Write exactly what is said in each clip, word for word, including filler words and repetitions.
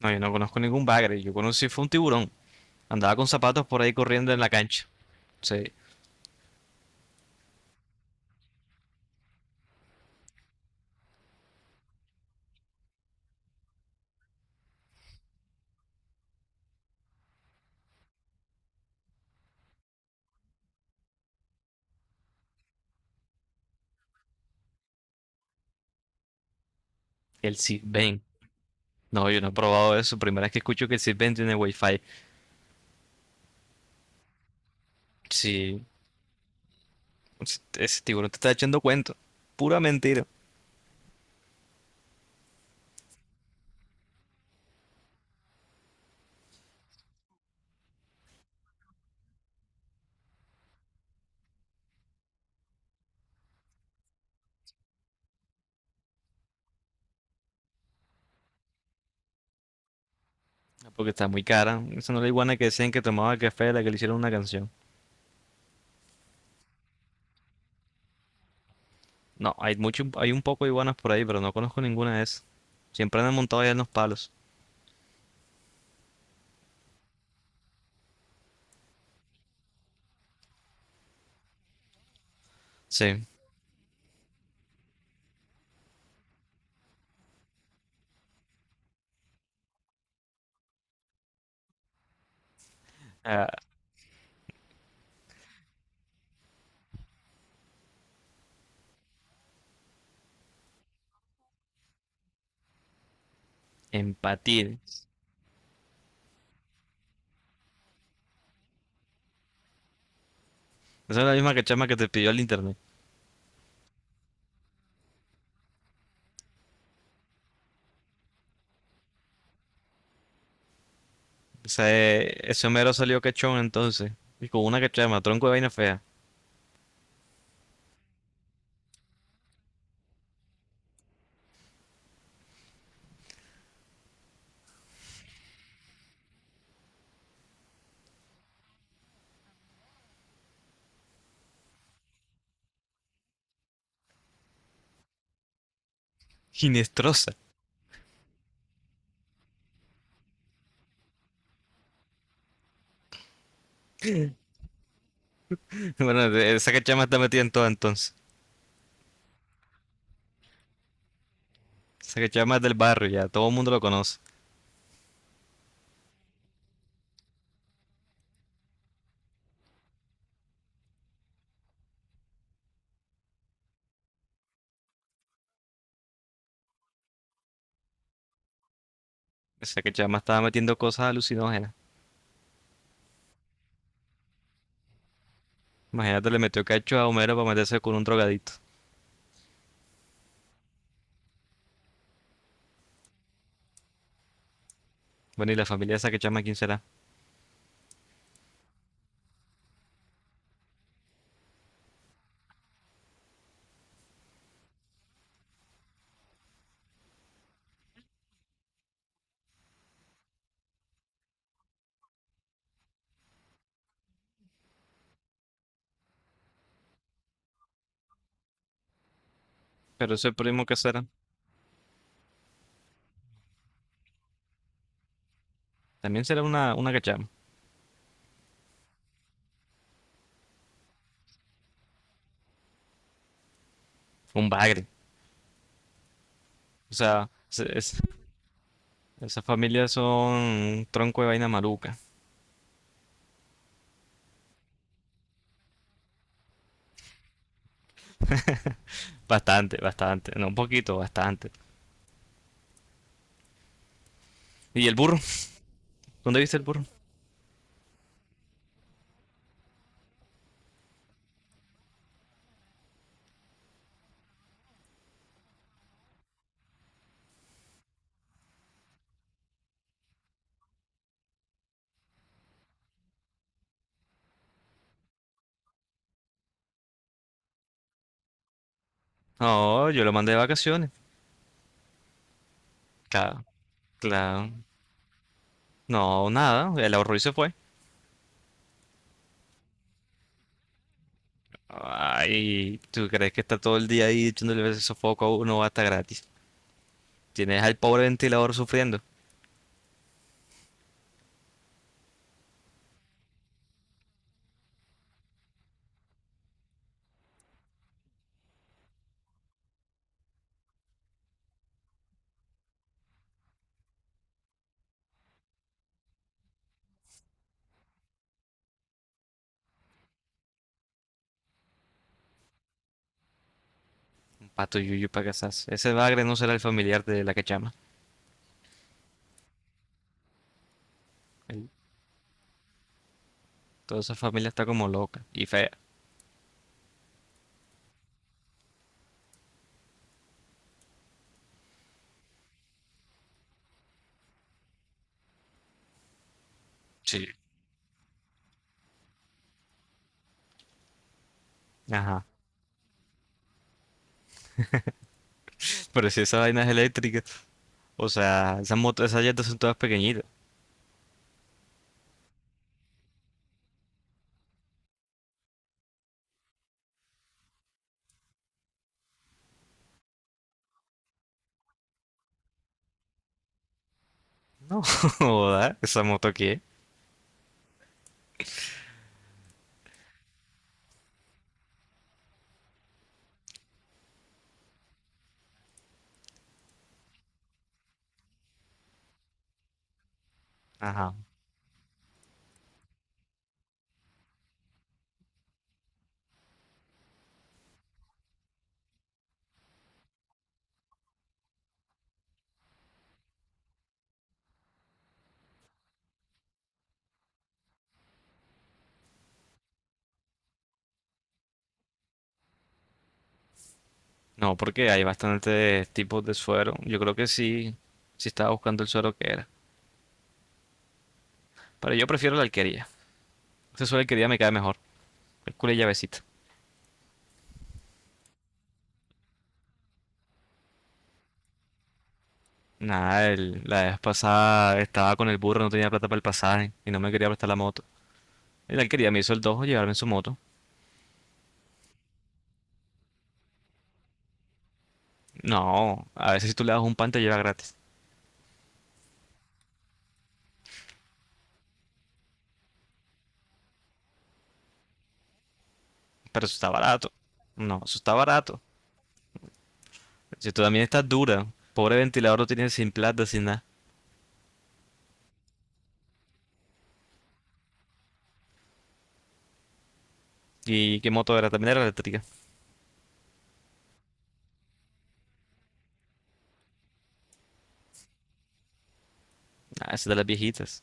No, yo no conozco ningún bagre. Yo conocí fue un tiburón. Andaba con zapatos por ahí corriendo en la cancha. Sí, el Cisben. No, yo no he probado eso. Primera vez que escucho que el Cisben tiene wifi. Sí, ese tiburón te está echando cuento. Pura mentira. Porque está muy cara. Esa no es la iguana que decían que tomaba café de la que le hicieron una canción. No, hay mucho, hay un poco de iguanas por ahí, pero no conozco ninguna de esas. Siempre andan montados allá en los palos. Sí. Ah, empatir. Esa es la misma cachama que te pidió el internet. Ese, ese Homero salió cachón entonces. Y con una cachama, tronco de vaina fea. Ginestrosa. Bueno, de- esa cachama está metida en todo entonces. Esa cachama es del barrio ya, todo el mundo lo conoce. Esa cachama estaba metiendo cosas alucinógenas. Imagínate, le metió cacho a Homero para meterse con un drogadito. Bueno, y la familia de esa cachama, ¿quién será? Pero ese primo que será, también será una, una cachama. Un bagre. O sea, ese- ese- esas familias son un tronco de vaina maluca. Bastante, bastante. No, un poquito, bastante. ¿Y el burro? ¿Dónde viste el burro? No, yo lo mandé de vacaciones. Claro, claro. No, nada, el ahorro y se fue. Ay, ¿tú crees que está todo el día ahí echándole ese sofoco a uno hasta gratis? Tienes al pobre ventilador sufriendo. Un pato yuyu para casas. Ese bagre no será el familiar de la que llama. El- Toda esa familia está como loca y fea. Sí. Ajá. Pero si esa vaina es eléctrica. O sea, esas motos, esas llantas son todas pequeñitas. No, joda, ¿esa moto qué? Ajá. No, porque hay bastantes tipos de suero. Yo creo que sí, sí estaba buscando el suero que era. Pero yo prefiero la alquería. Ese suero de alquería me cae mejor. El culo y llavecita. Nada, el- la vez pasada estaba con el burro, no tenía plata para el pasaje y no me quería prestar la moto. Y la alquería me hizo el dojo llevarme en su moto. No, a veces si tú le das un pan te lleva gratis. Pero eso está barato. No, eso está barato. Si tú también estás dura. Pobre ventilador lo tienes sin plata, sin nada. ¿Y qué moto era? También era eléctrica. Ah, esa es de las viejitas.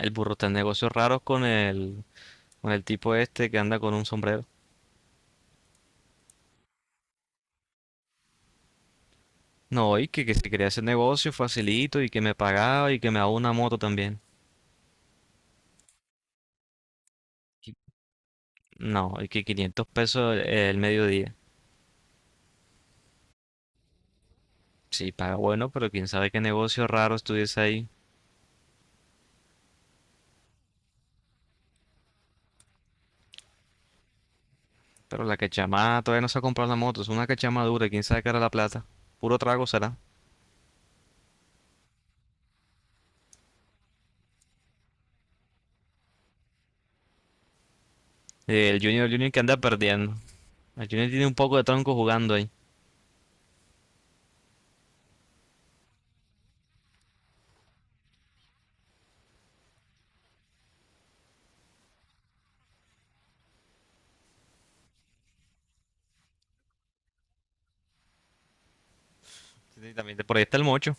El burro está en negocios raros con el, con el tipo este que anda con un sombrero. No, y que, que se quería hacer negocio facilito y que me pagaba y que me daba una moto también. Y- No, y que quinientos pesos el, el mediodía. Sí, paga bueno, pero quién sabe qué negocio raro estuviese ahí. Pero la cachamada todavía no se ha comprado la moto, es una cachamada dura, quién sabe qué era la plata. Puro trago será. Eh, El Junior, el Junior que anda perdiendo. El Junior tiene un poco de tronco jugando ahí. Sí, también de- por ahí está el mocho.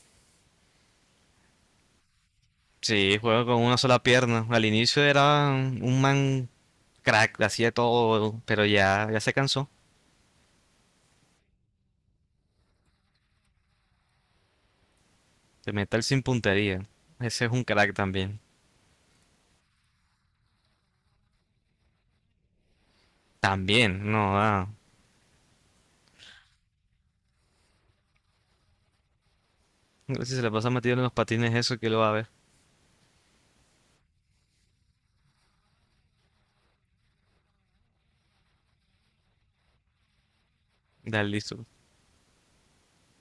Sí, juega con una sola pierna. Al inicio era un man crack, hacía todo, pero ya, ya se cansó de meter sin puntería. Ese es un crack también. También, no, ah. Si se le pasa metido en los patines eso, ¿que lo va a ver? Da listo.